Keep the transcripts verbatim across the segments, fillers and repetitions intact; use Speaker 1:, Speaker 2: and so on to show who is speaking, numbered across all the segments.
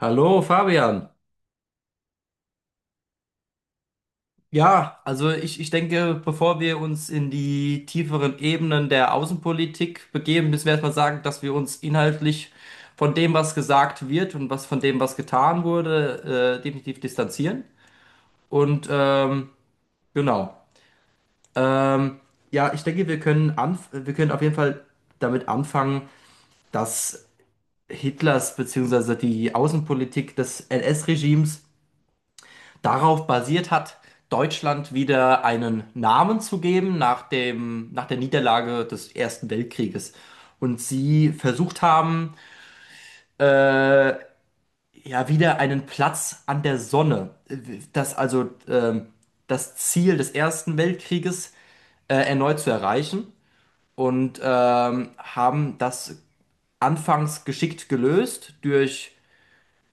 Speaker 1: Hallo Fabian. Ja, also ich, ich denke, bevor wir uns in die tieferen Ebenen der Außenpolitik begeben, müssen wir erstmal sagen, dass wir uns inhaltlich von dem, was gesagt wird und was von dem, was getan wurde, äh, definitiv distanzieren. Und ähm, genau. Ähm, ja, ich denke, wir können anf wir können auf jeden Fall damit anfangen, dass Hitlers beziehungsweise die Außenpolitik des N S-Regimes darauf basiert hat, Deutschland wieder einen Namen zu geben nach dem, nach der Niederlage des Ersten Weltkrieges. Und sie versucht haben, ja, wieder einen Platz an der Sonne, äh, das also ähm, das Ziel des Ersten Weltkrieges äh, erneut zu erreichen, und ähm, haben das anfangs geschickt gelöst durch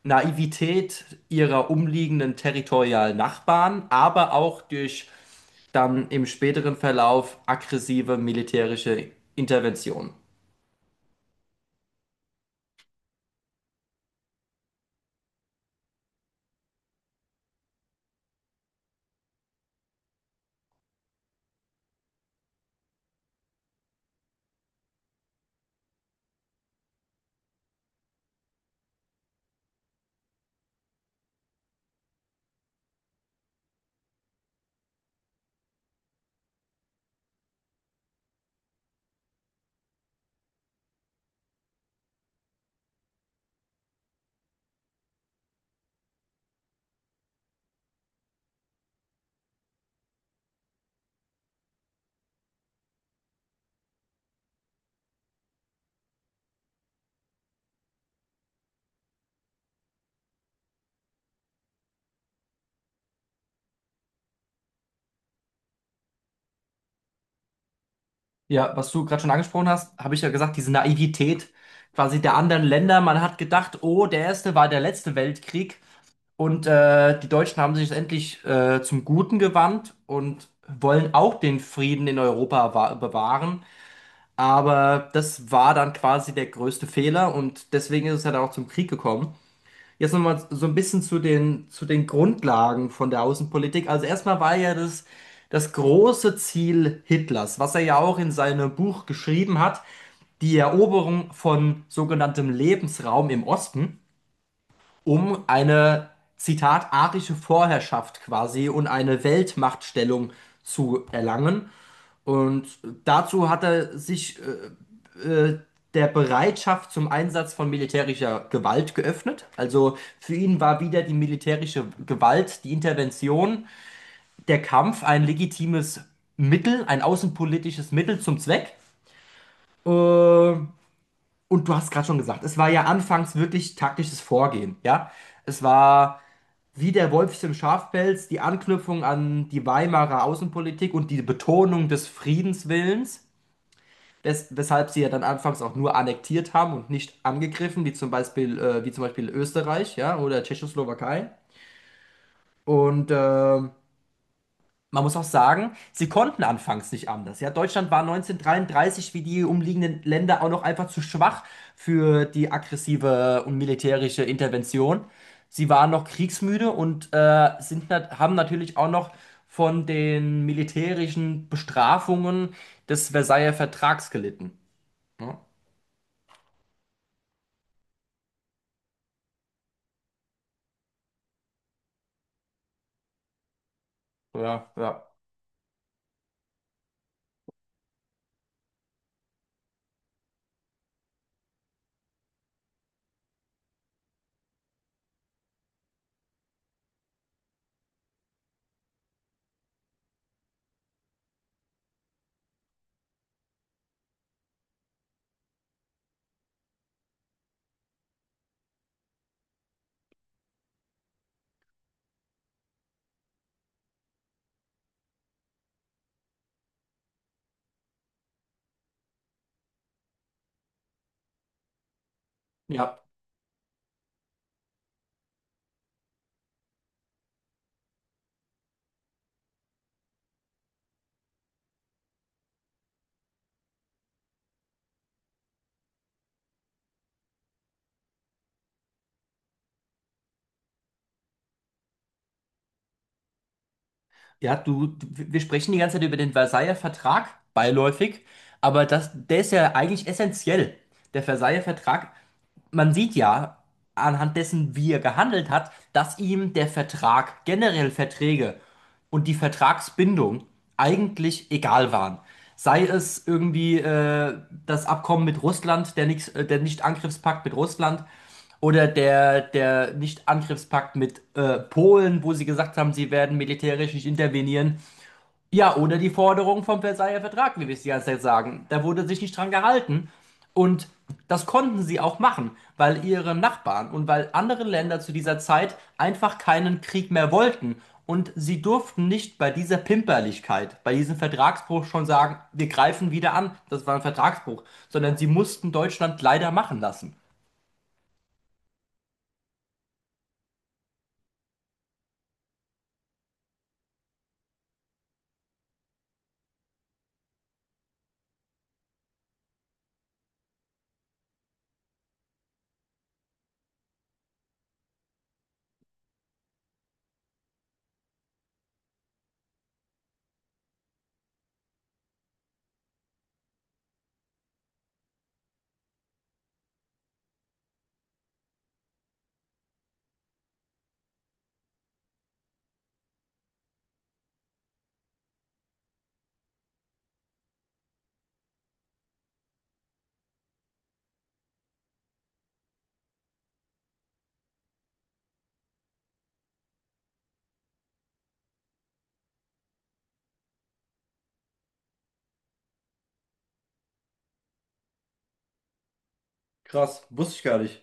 Speaker 1: Naivität ihrer umliegenden territorialen Nachbarn, aber auch durch dann im späteren Verlauf aggressive militärische Intervention. Ja, was du gerade schon angesprochen hast, habe ich ja gesagt, diese Naivität quasi der anderen Länder. Man hat gedacht, oh, der erste war der letzte Weltkrieg, und äh, die Deutschen haben sich endlich äh, zum Guten gewandt und wollen auch den Frieden in Europa wa- bewahren. Aber das war dann quasi der größte Fehler, und deswegen ist es ja dann auch zum Krieg gekommen. Jetzt nochmal so ein bisschen zu den, zu den, Grundlagen von der Außenpolitik. Also erstmal war ja das, das große Ziel Hitlers, was er ja auch in seinem Buch geschrieben hat, die Eroberung von sogenanntem Lebensraum im Osten, um eine, Zitat, arische Vorherrschaft quasi und eine Weltmachtstellung zu erlangen. Und dazu hat er sich der Bereitschaft zum Einsatz von militärischer Gewalt geöffnet. Also für ihn war wieder die militärische Gewalt, die Intervention, der Kampf ein legitimes Mittel, ein außenpolitisches Mittel zum Zweck. Äh, und du hast gerade schon gesagt, es war ja anfangs wirklich taktisches Vorgehen, ja. Es war wie der Wolf im Schafpelz, die Anknüpfung an die Weimarer Außenpolitik und die Betonung des Friedenswillens, wes weshalb sie ja dann anfangs auch nur annektiert haben und nicht angegriffen, wie zum Beispiel, äh, wie zum Beispiel Österreich, ja, oder Tschechoslowakei. Und ähm, man muss auch sagen, sie konnten anfangs nicht anders. Ja, Deutschland war neunzehnhundertdreiunddreißig wie die umliegenden Länder auch noch einfach zu schwach für die aggressive und militärische Intervention. Sie waren noch kriegsmüde, und äh, sind, nat- haben natürlich auch noch von den militärischen Bestrafungen des Versailler Vertrags gelitten. Ne? Ja, ja, ja. Ja, du, du- wir sprechen die ganze Zeit über den Versailler Vertrag, beiläufig, aber das, der ist ja eigentlich essentiell. Der Versailler Vertrag, man sieht ja anhand dessen, wie er gehandelt hat, dass ihm der Vertrag, generell Verträge und die Vertragsbindung eigentlich egal waren. Sei es irgendwie äh, das Abkommen mit Russland, der, Nix- äh, der Nicht-Angriffspakt mit Russland, oder der, der Nicht-Angriffspakt mit äh, Polen, wo sie gesagt haben, sie werden militärisch nicht intervenieren. Ja, oder die Forderung vom Versailler Vertrag, wie wir es die ganze Zeit sagen. Da wurde sich nicht dran gehalten. Und das konnten sie auch machen, weil ihre Nachbarn und weil andere Länder zu dieser Zeit einfach keinen Krieg mehr wollten. Und sie durften nicht bei dieser Pimperlichkeit, bei diesem Vertragsbruch schon sagen, wir greifen wieder an, das war ein Vertragsbruch, sondern sie mussten Deutschland leider machen lassen. Krass, wusste ich gar nicht.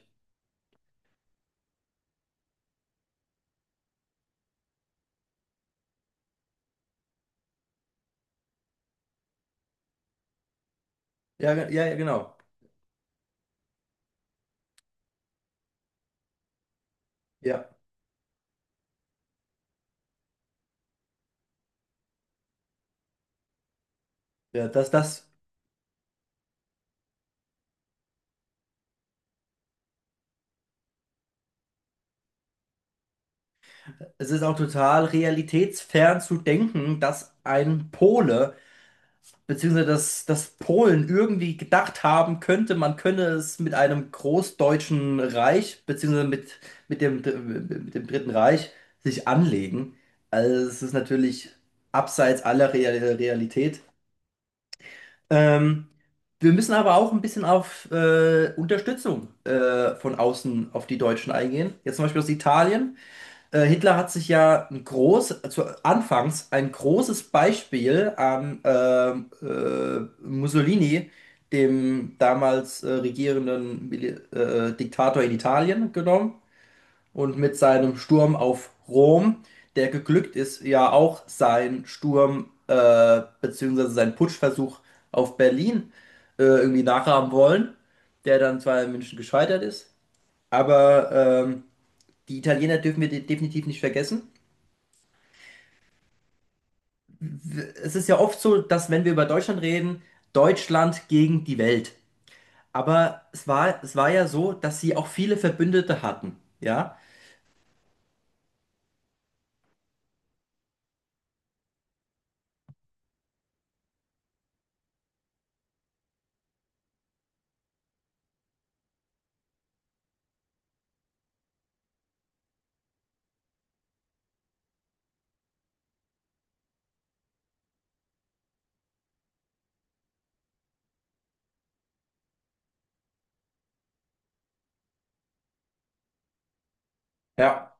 Speaker 1: Ja, ge- ja, ja, genau. Ja, ja, das, das. Es ist auch total realitätsfern zu denken, dass ein Pole, beziehungsweise dass, dass Polen irgendwie gedacht haben könnte, man könne es mit einem großdeutschen Reich, beziehungsweise mit, mit dem, mit dem Dritten Reich, sich anlegen. Also es ist natürlich abseits aller Real Realität. Ähm, Wir müssen aber auch ein bisschen auf äh, Unterstützung äh, von außen auf die Deutschen eingehen. Jetzt zum Beispiel aus Italien äh, Hitler hat sich ja ein groß, zu, anfangs ein großes Beispiel an ähm, äh, Mussolini, dem damals äh, regierenden Mili äh, Diktator in Italien, genommen und mit seinem Sturm auf Rom, der geglückt ist, ja auch sein Sturm äh, beziehungsweise sein Putschversuch auf Berlin äh, irgendwie nachahmen wollen, der dann zwar in München gescheitert ist, aber ähm, die Italiener dürfen wir de- definitiv nicht vergessen. Es ist ja oft so, dass, wenn wir über Deutschland reden, Deutschland gegen die Welt. Aber es war, es war ja so, dass sie auch viele Verbündete hatten. Ja, ja,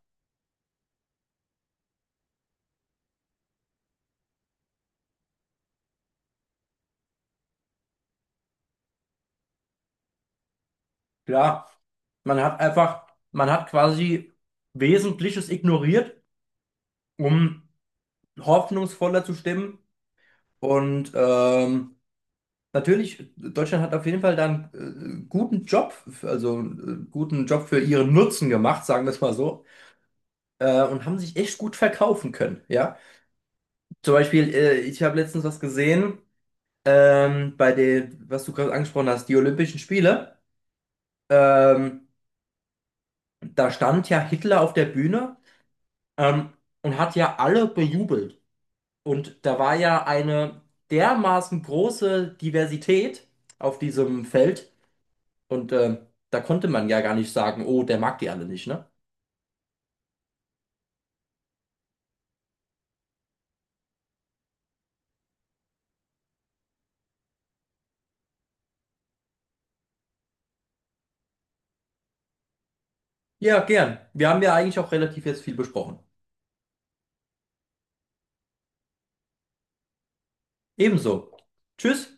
Speaker 1: klar. Man hat einfach, man hat quasi Wesentliches ignoriert, um hoffnungsvoller zu stimmen. Und ähm, natürlich, Deutschland hat auf jeden Fall dann äh, guten Job, also äh, guten Job für ihren Nutzen gemacht, sagen wir es mal so, äh, und haben sich echt gut verkaufen können. Ja. Zum Beispiel, äh, ich habe letztens was gesehen, ähm, bei den, was du gerade angesprochen hast, die Olympischen Spiele. Ähm, Da stand ja Hitler auf der Bühne, ähm, und hat ja alle bejubelt. Und da war ja eine dermaßen große Diversität auf diesem Feld. Und ähm, da konnte man ja gar nicht sagen, oh, der mag die alle nicht, ne? Ja, gern. Wir haben ja eigentlich auch relativ jetzt viel besprochen. Ebenso. Tschüss.